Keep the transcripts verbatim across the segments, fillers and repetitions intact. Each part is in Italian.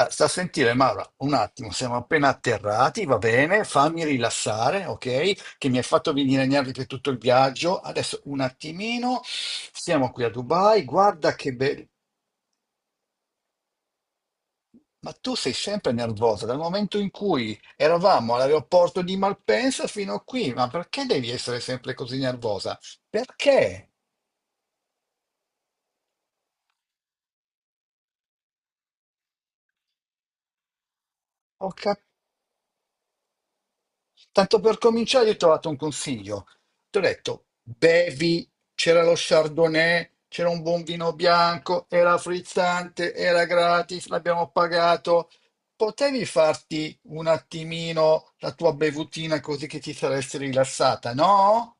Ah, sta a sentire, Maura, un attimo, siamo appena atterrati, va bene, fammi rilassare, ok? Che mi hai fatto venire nervi per tutto il viaggio. Adesso un attimino, siamo qui a Dubai, guarda che bello. Ma tu sei sempre nervosa dal momento in cui eravamo all'aeroporto di Malpensa fino a qui, ma perché devi essere sempre così nervosa? Perché? Ho capito. Tanto per cominciare, io ti ho dato un consiglio. Ti ho detto, bevi, c'era lo Chardonnay, c'era un buon vino bianco, era frizzante, era gratis, l'abbiamo pagato. Potevi farti un attimino la tua bevutina così che ti saresti rilassata, no?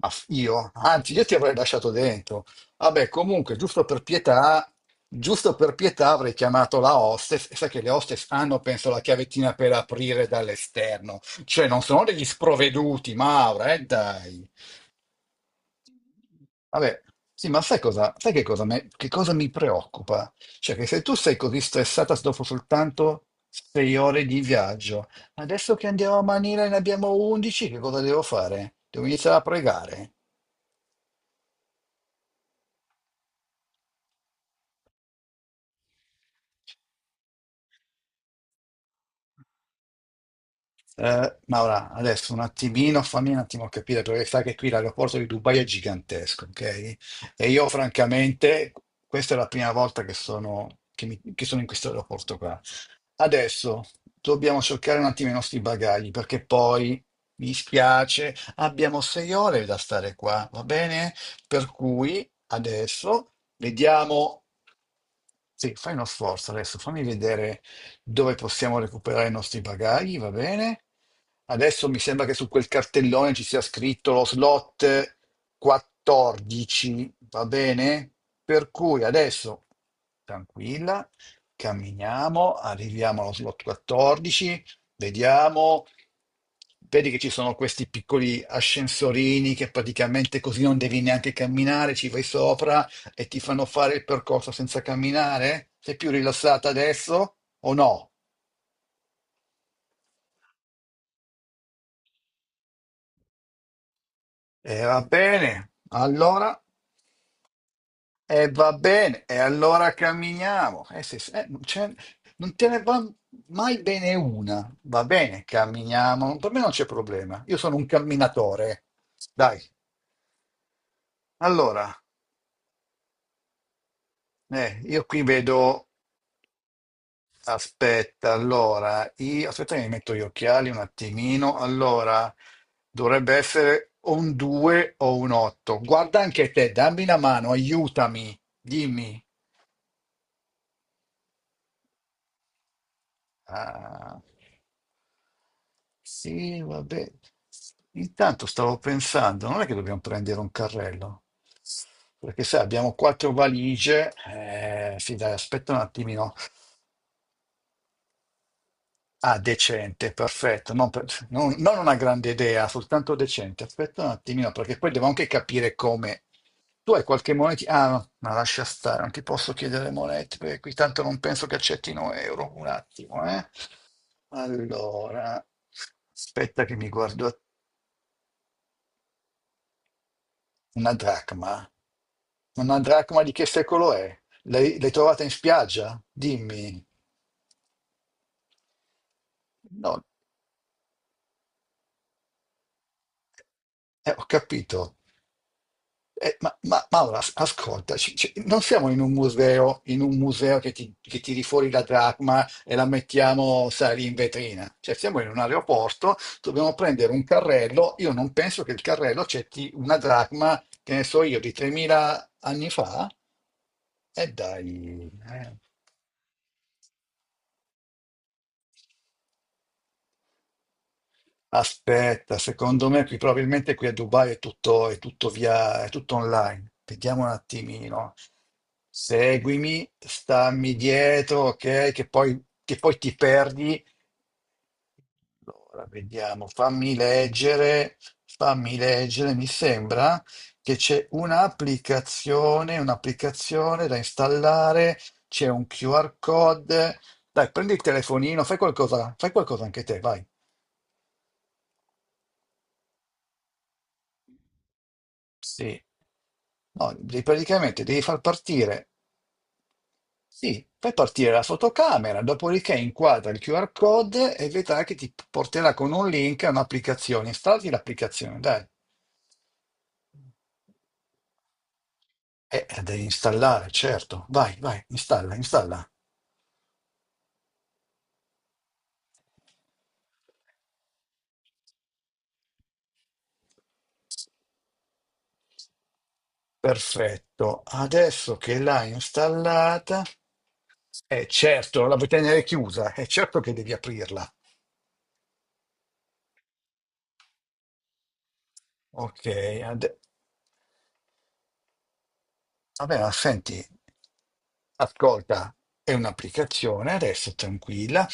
Ma f- io? Anzi, io ti avrei lasciato dentro. Vabbè, comunque, giusto per pietà, giusto per pietà avrei chiamato la hostess, e sai che le hostess hanno, penso, la chiavettina per aprire dall'esterno. Cioè, non sono degli sprovveduti, Maura, eh, dai. Vabbè, sì, ma sai cosa, sai che cosa, me- che cosa mi preoccupa? Cioè, che se tu sei così stressata dopo soltanto sei ore di viaggio, adesso che andiamo a Manila e ne abbiamo undici, che cosa devo fare? Devo iniziare a pregare. Eh, Maura, adesso un attimino, fammi un attimo capire, perché sai che qui l'aeroporto di Dubai è gigantesco, ok? E io francamente, questa è la prima volta che sono, che mi- che sono in questo aeroporto qua. Adesso dobbiamo cercare un attimo i nostri bagagli, perché poi, mi spiace, abbiamo sei ore da stare qua, va bene? Per cui adesso vediamo. Sì, fai uno sforzo adesso, fammi vedere dove possiamo recuperare i nostri bagagli, va bene? Adesso mi sembra che su quel cartellone ci sia scritto lo slot quattordici, va bene? Per cui adesso, tranquilla, camminiamo, arriviamo allo slot quattordici, vediamo, vedi che ci sono questi piccoli ascensorini che praticamente così non devi neanche camminare, ci vai sopra e ti fanno fare il percorso senza camminare? Sei più rilassata adesso o no? E va bene, allora E va bene, e allora camminiamo. Eh, se- eh, non c'è- non te ne va mai bene una. Va bene, camminiamo. Per me non c'è problema. Io sono un camminatore. Dai, allora, eh, io qui vedo. Aspetta, allora, io... aspetta che mi metto gli occhiali un attimino. Allora, dovrebbe essere o un due o un otto. Guarda anche te, dammi una mano, aiutami, dimmi. Ah, sì, vabbè. Intanto stavo pensando, non è che dobbiamo prendere un carrello, perché sai, abbiamo quattro valigie, eh, sì, dai, aspetta un attimino. Ah, decente, perfetto. Non, per- non- Non una grande idea, soltanto decente. Aspetta un attimino, perché poi devo anche capire come. Tu hai qualche moneta? Ah, no, ma lascia stare, non ti posso chiedere monete, perché qui tanto non penso che accettino euro. Un attimo, eh. Allora, aspetta che mi guardo una dracma. Una dracma di che secolo è? L'hai l'hai trovata in spiaggia? Dimmi. No, eh, ho capito. Eh, ma, ma Maura, as- ascolta, ci- ci- non siamo in un museo, in un museo che ti, che tiri fuori la dracma e la mettiamo, sai, lì in vetrina. Cioè, siamo in un aeroporto, dobbiamo prendere un carrello. Io non penso che il carrello accetti una dracma, che ne so io, di tremila anni fa. E dai, eh. Aspetta, secondo me qui probabilmente qui a Dubai è tutto, è tutto via, è tutto online. Vediamo un attimino. Seguimi, stammi dietro, ok? Che poi, che poi ti perdi. Allora, vediamo, fammi leggere, fammi leggere. Mi sembra che c'è un'applicazione, un'applicazione da installare, c'è un Q R code. Dai, prendi il telefonino, fai qualcosa, fai qualcosa anche te, vai. Sì. No, devi- praticamente devi far partire, sì, fai partire la fotocamera, dopodiché inquadra il Q R code e vedrai che ti porterà con un link a un'applicazione. Installati l'applicazione, dai. Eh, la devi installare, certo. Vai, vai, installa, installa. Perfetto. Adesso che l'hai installata, è certo, la vuoi tenere chiusa, è certo che devi aprirla. Ok, ade- vabbè, ma senti, ascolta, è un'applicazione, adesso tranquilla,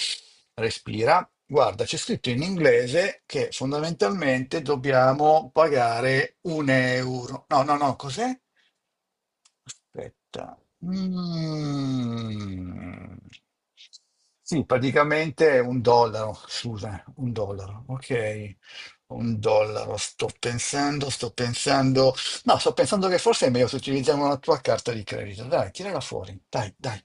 respira. Guarda, c'è scritto in inglese che fondamentalmente dobbiamo pagare un euro. No, no, no, cos'è? Aspetta. Mm. Sì, praticamente è un dollaro, scusa, un dollaro, ok. Un dollaro, sto pensando, sto pensando. No, sto pensando che forse è meglio se utilizziamo la tua carta di credito. Dai, tirala fuori, dai, dai.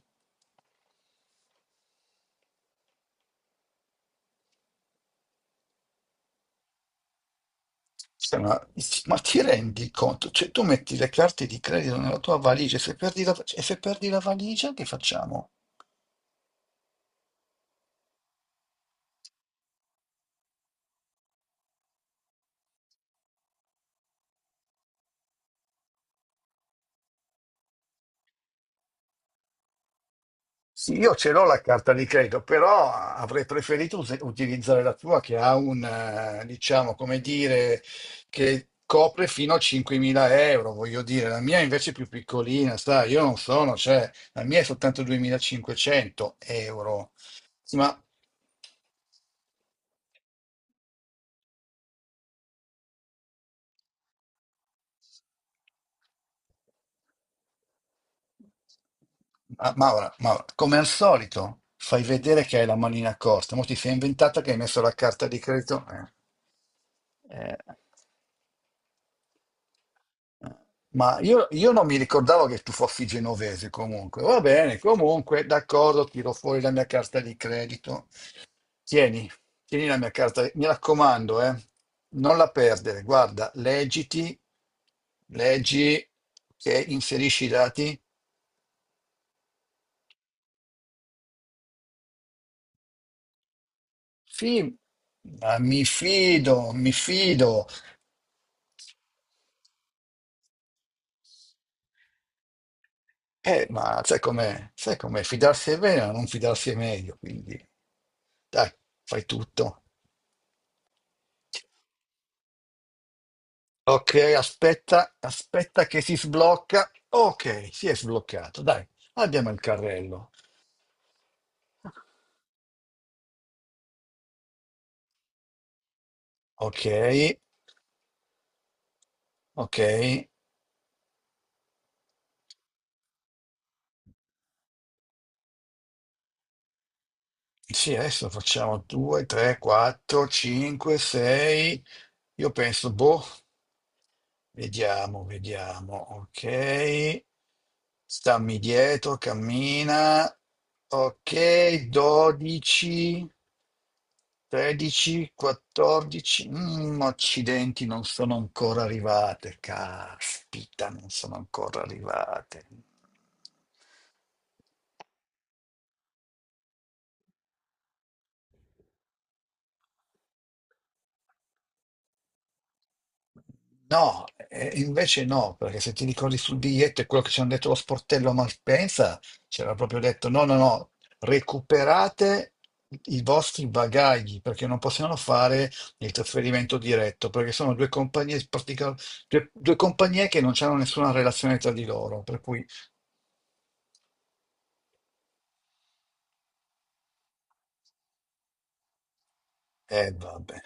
Cioè, Ma, ma ti rendi conto? Cioè, tu metti le carte di credito nella tua valigia, e se perdi la, e se perdi la valigia, che facciamo? Sì, io ce l'ho la carta di credito, però avrei preferito us- utilizzare la tua che ha un, eh, diciamo, come dire, che copre fino a cinquemila euro, voglio dire. La mia invece è più piccolina, sai, io non sono, cioè, la mia è soltanto duemilacinquecento euro. Sì, ma, ma- Maura, Maura, come al solito, fai vedere che hai la manina corta, ma ti sei inventata che hai messo la carta di credito? Eh. Eh. Ma io, io non mi ricordavo che tu fossi genovese comunque. Va bene, comunque, d'accordo, tiro fuori la mia carta di credito. Tieni, tieni la mia carta, mi raccomando, eh. Non la perdere, guarda, leggiti, leggi, che inserisci i dati. Sì, ma mi fido, mi fido. Eh, ma sai com'è? Sai com'è? Fidarsi è bene, ma non fidarsi è meglio, quindi dai, fai tutto. Ok, aspetta, aspetta che si sblocca. Ok, si è sbloccato. Dai, abbiamo il carrello. Ok, ok. Sì, adesso facciamo due, tre, quattro, cinque, sei. Io penso, boh, vediamo, vediamo. Ok. Stammi dietro, cammina. Ok, dodici, tredici, quattordici. Mm, accidenti, non sono ancora arrivate. Caspita, non sono ancora arrivate. No, eh, invece no, perché se ti ricordi sul biglietto e quello che ci hanno detto lo sportello a Malpensa, c'era proprio detto no, no, no, recuperate i vostri bagagli perché non possiamo fare il trasferimento diretto, perché sono due compagnie, particola- due, due compagnie che non hanno nessuna relazione tra di loro, per cui, eh, vabbè.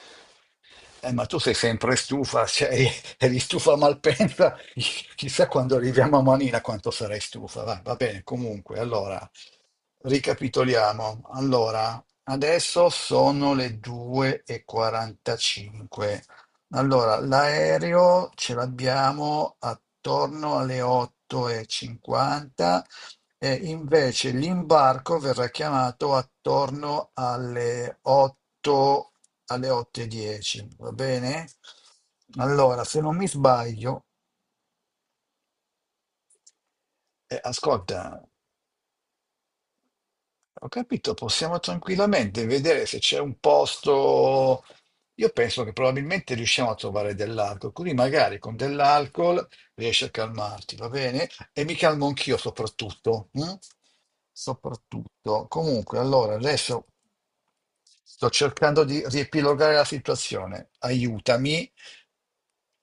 Eh, ma tu sei sempre stufa, sei, eri stufa a Malpensa, chissà quando arriviamo a Manila quanto sarai stufa. Va, va bene, comunque, allora, ricapitoliamo. Allora, adesso sono le le due e quarantacinque. Allora, l'aereo ce l'abbiamo attorno alle otto e cinquanta e invece l'imbarco verrà chiamato attorno alle otto, alle otto e dieci, va bene? Allora, se non mi sbaglio, eh, ascolta, ho capito, possiamo tranquillamente vedere se c'è un posto. Io penso che probabilmente riusciamo a trovare dell'alcol, quindi magari con dell'alcol riesci a calmarti, va bene? E mi calmo anch'io soprattutto. Mm? Soprattutto. Comunque, allora, adesso sto cercando di riepilogare la situazione. Aiutami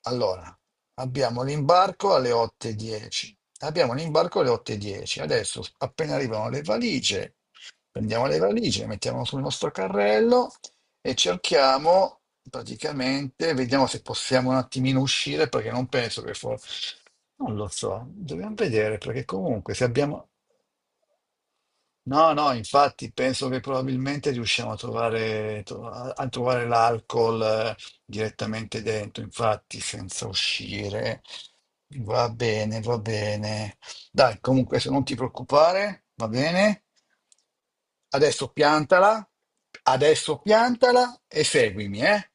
allora, abbiamo l'imbarco alle otto e dieci. Abbiamo l'imbarco alle otto e dieci. Adesso, appena arrivano le valigie, prendiamo le valigie, le mettiamo sul nostro carrello e cerchiamo, praticamente, vediamo se possiamo un attimino uscire, perché non penso che forse. Non lo so, dobbiamo vedere, perché comunque se abbiamo. No, no, infatti penso che probabilmente riusciamo a trovare, tro- a a trovare l'alcol eh, direttamente dentro, infatti senza uscire. Va bene, va bene. Dai, comunque se non ti preoccupare, va bene. Adesso piantala, adesso piantala e seguimi, eh?